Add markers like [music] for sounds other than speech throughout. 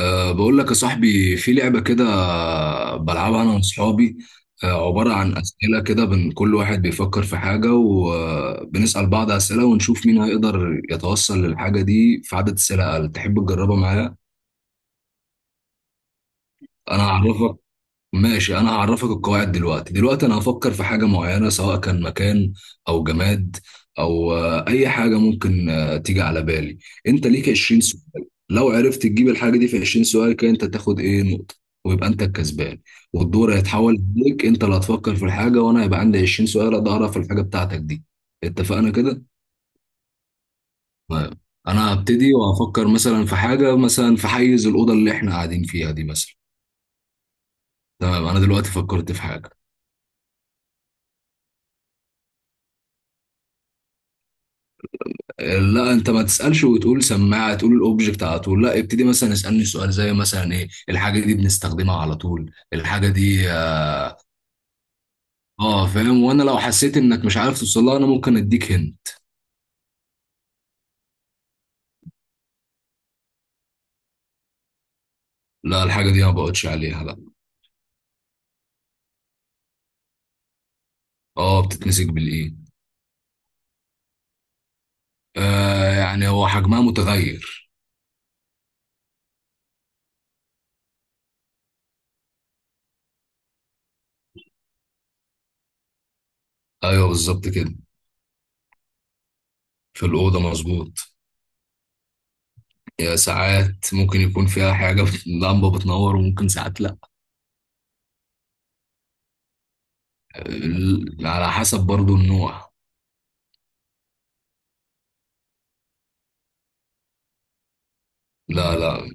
بقول لك يا صاحبي في لعبة كده بلعبها أنا وأصحابي. عبارة عن أسئلة كده، كل واحد بيفكر في حاجة وبنسأل بعض أسئلة ونشوف مين هيقدر يتوصل للحاجة دي في عدد أسئلة أقل. تحب تجربها معايا؟ أنا هعرفك. ماشي، انا هعرفك القواعد دلوقتي. انا هفكر في حاجة معينة، سواء كان مكان او جماد او اي حاجة ممكن تيجي على بالي. انت ليك 20 سؤال، لو عرفت تجيب الحاجة دي في 20 سؤال كده انت تاخد ايه نقطة ويبقى انت الكسبان. والدور هيتحول ليك، انت اللي هتفكر في الحاجة وانا هيبقى عندي 20 سؤال اقدر اعرف الحاجة بتاعتك دي. اتفقنا كده؟ طيب. انا هبتدي وهفكر مثلا في حاجة، مثلا في حيز الأوضة اللي احنا قاعدين فيها دي مثلا. تمام، انا دلوقتي فكرت في حاجة. لا انت ما تسالش وتقول سماعه، تقول الاوبجكت على طول، لا ابتدي مثلا اسالني سؤال زي مثلا ايه الحاجه دي، بنستخدمها على طول الحاجه دي. اه فاهم. وانا لو حسيت انك مش عارف توصلها انا ممكن اديك هن. لا، الحاجه دي ما بقعدش عليها لا. اه بتتمسك بالايه. آه، يعني هو حجمها متغير. ايوه بالظبط كده. في الاوضه مظبوط. يا ساعات ممكن يكون فيها حاجه [laughs] لمبه بتنور وممكن ساعات لا. على حسب برضو النوع. لا لا.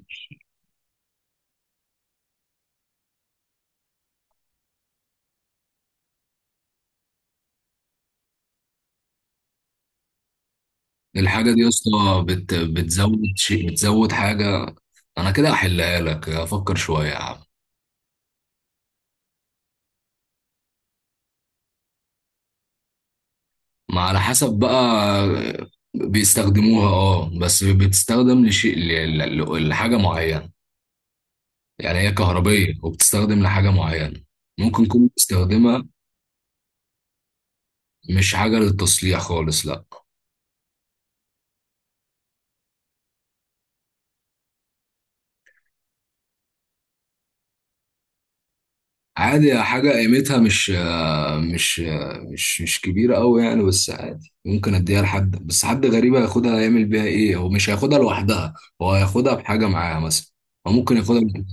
الحاجة دي يا اسطى بت... بتزود شيء بتزود حاجة. أنا كده أحلها لك، أفكر شوية يا عم. ما على حسب بقى. بيستخدموها اه بس بتستخدم لحاجة معينة. يعني هي كهربية وبتستخدم لحاجة معينة. ممكن تكون بتستخدمها. مش حاجة للتصليح خالص لأ. عادي، حاجة قيمتها مش مش كبيرة أوي يعني، بس عادي ممكن أديها لحد، بس حد غريب هياخدها هيعمل بيها إيه؟ هو مش هياخدها لوحدها، هو هياخدها بحاجة معاها مثلا. أو ممكن ياخدها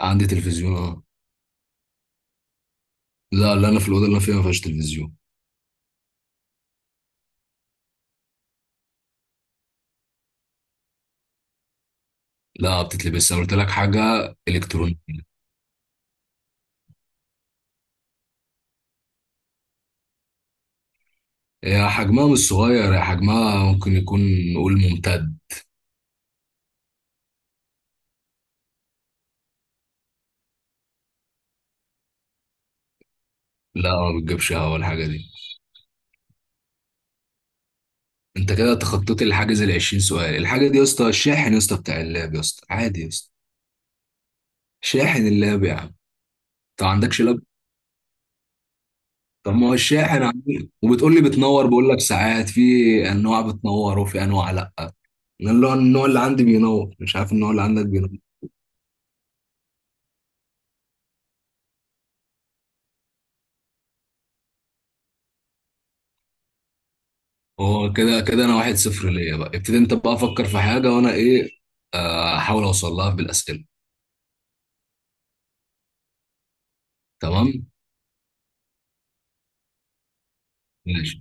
عندي تلفزيون أه. لا لا، أنا في الأوضة اللي أنا فيها ما فيهاش تلفزيون. لا بتتلبس، أنا قلت لك حاجة إلكترونية. هي حجمها مش صغير، هي حجمها ممكن يكون، نقول ممتد. لا، ما بتجيبش هوا الحاجة دي. أنت كده تخطيت الحاجز ال 20 سؤال. الحاجة دي يا اسطى الشاحن يا اسطى، بتاع اللاب يا اسطى عادي يا اسطى. شاحن اللاب يا عم. أنت ما عندكش لاب؟ طب ما هو الشاحن عميق وبتقول لي بتنور، بقول لك ساعات في انواع بتنور وفي انواع لا. انا اللي هو النوع اللي عندي بينور، مش عارف النوع اللي عندك بينور. هو كده كده انا واحد صفر ليا بقى. ابتدي انت بقى، افكر في حاجه وانا ايه احاول اوصل لها بالاسئله. تمام. ماشي.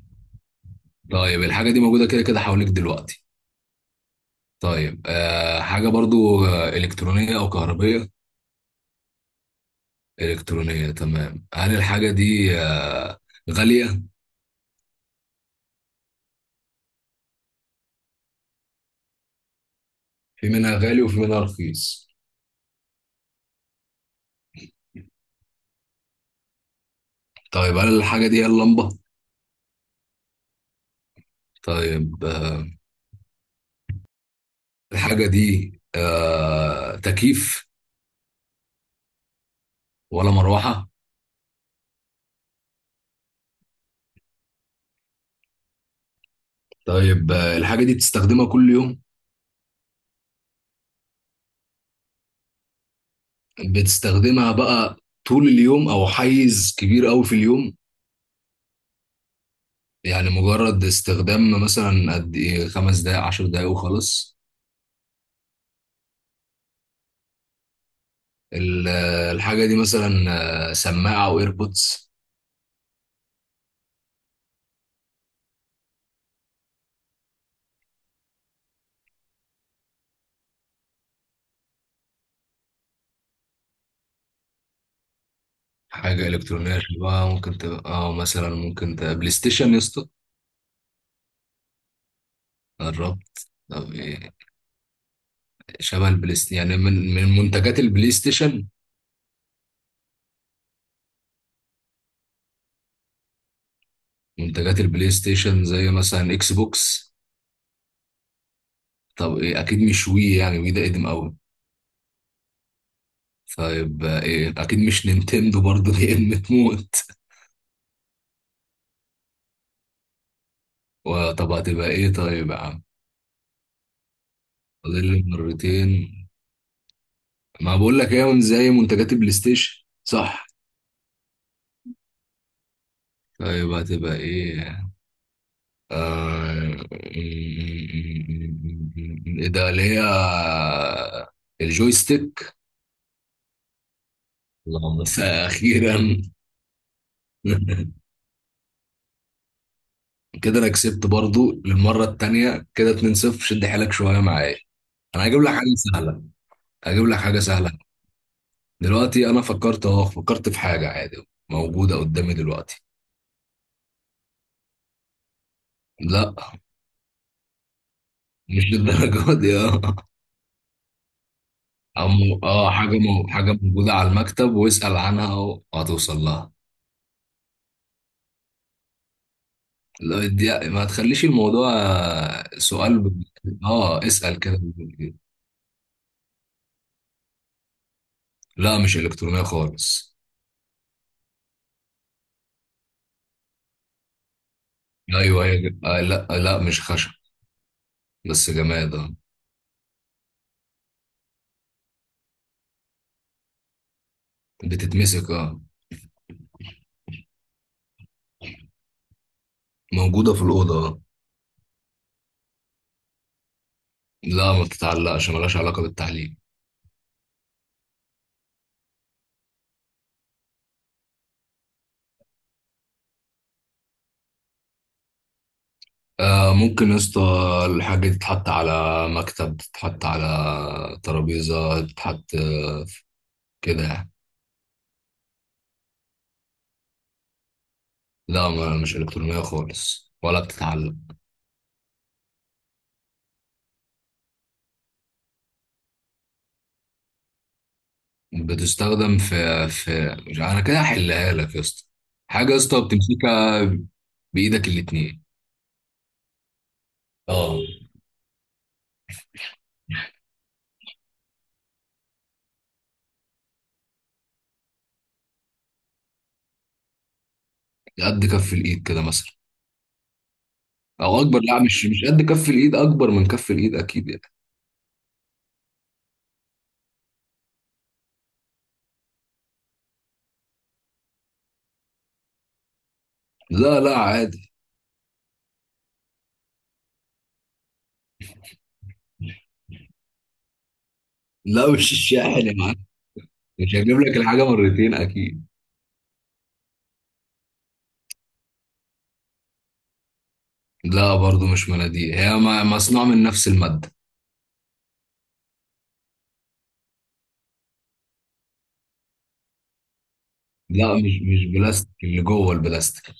طيب، الحاجه دي موجوده كده كده حواليك دلوقتي؟ طيب، حاجه برضو الكترونيه او كهربيه. الكترونيه تمام. هل الحاجه دي غاليه؟ في منها غالي وفي منها رخيص. طيب هل الحاجه دي هي اللمبه؟ طيب الحاجة دي تكييف ولا مروحة؟ طيب الحاجة دي بتستخدمها كل يوم؟ بتستخدمها بقى طول اليوم أو حيز كبير أوي في اليوم؟ يعني مجرد استخدام مثلا قد إيه، خمس دقايق عشر دقايق وخلاص؟ الحاجة دي مثلا سماعة أو إيربودز؟ حاجة إلكترونية شبه ممكن تبقى، أو مثلا ممكن تبقى بلاي ستيشن يا اسطى؟ قربت طب إيه؟ شبه البلاي ستيشن يعني من منتجات البلاي ستيشن. منتجات البلاي ستيشن زي مثلا اكس بوكس. طب ايه، اكيد مش وي، يعني وي ده قديم قوي. طيب ايه، اكيد مش نينتندو برضه [laughs] لان تموت. وطب هتبقى ايه طيب يا عم. فاضل لي مرتين. ما بقول لك ايه، من زي منتجات البلاي ستيشن صح؟ طيب هتبقى ايه؟ ايه ده اللي هي، الجويستيك. اللهم اخيرا. [laughs] كده انا كسبت برضو للمره التانيه كده 2-0. شد حيلك شويه معايا. انا هجيب لك حاجه سهله، هجيب لك حاجه سهله. دلوقتي انا فكرت اهو، فكرت في حاجه عادي موجوده قدامي دلوقتي. لا مش للدرجه دي اه. حاجه حاجه موجوده على المكتب، واسال عنها وهتوصل لها. لا ما تخليش الموضوع سؤال اه اسال كده. لا مش الكترونيه خالص. ايوه هي آه، لا لا مش خشب، بس جماد اه. بتتمسك اه. موجودة في الأوضة آه. لا ما تتعلقش، ملهاش علاقة بالتعليم. آه ممكن يا اسطى، الحاجة دي تتحط على مكتب، تتحط على ترابيزة، تتحط كده يعني. لا ما مش إلكترونية خالص ولا بتتعلق. بتستخدم في، في مش، أنا كده هحلها لك يا اسطى. حاجة يا اسطى بتمسكها بإيدك الاتنين. اه. قد كف الإيد كده مثلا، أو أكبر. لا مش قد كف الإيد، أكبر من كف الإيد أكيد يعني. لا لا عادي. لا مش الشاحن يا معلم، مش هجيب لك الحاجة مرتين أكيد. لا برضو مش مناديل، هي مصنوع من نفس المادة. لا مش بلاستيك، اللي جوه البلاستيك.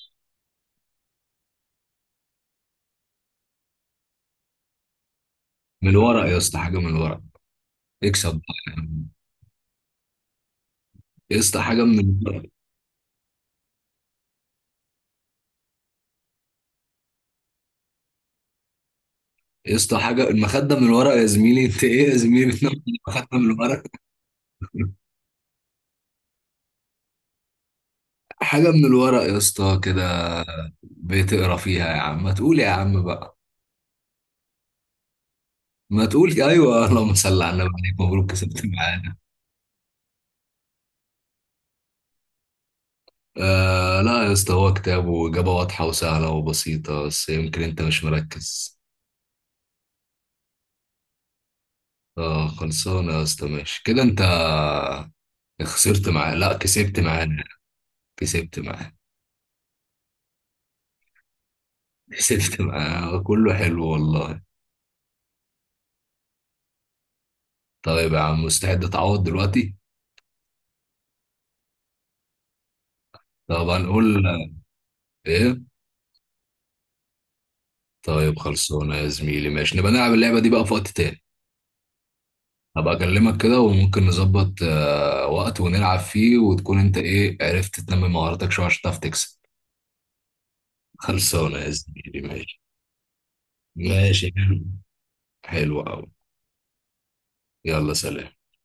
من الورق يا اسطى، حاجة من الورق. اكسب بقى يا عم. يا اسطى حاجة من الورق. يا اسطى، حاجة المخدة من الورق يا زميلي، أنت إيه يا زميلي [laughs] بتنام المخدة من الورق؟ حاجة من الورق يا اسطى كده، بتقرا فيها يا عم، ما تقول يا عم بقى. ما تقول أيوه، اللهم صل على النبي، عليك مبروك كسبت معانا. آه لا يا اسطى، هو كتاب، وإجابة واضحة وسهلة وبسيطة، بس يمكن أنت مش مركز. آه خلصانة يا اسطى، ماشي. كده أنت خسرت معاه، لا كسبت معانا، كسبت معاه. [laughs] كسبت معاه كله حلو والله. طيب يا عم، مستعد تعوض دلوقتي؟ طب هنقول إيه؟ طيب خلصانة يا زميلي ماشي، نبقى نلعب اللعبة دي بقى في وقت تاني. هبقى أكلمك كده وممكن نظبط آه وقت ونلعب فيه وتكون أنت إيه، عرفت تنمي مهاراتك شوية عشان تعرف تكسب. خلصانة يا زميلي ماشي. ماشي. حلو قوي. يلا سلام.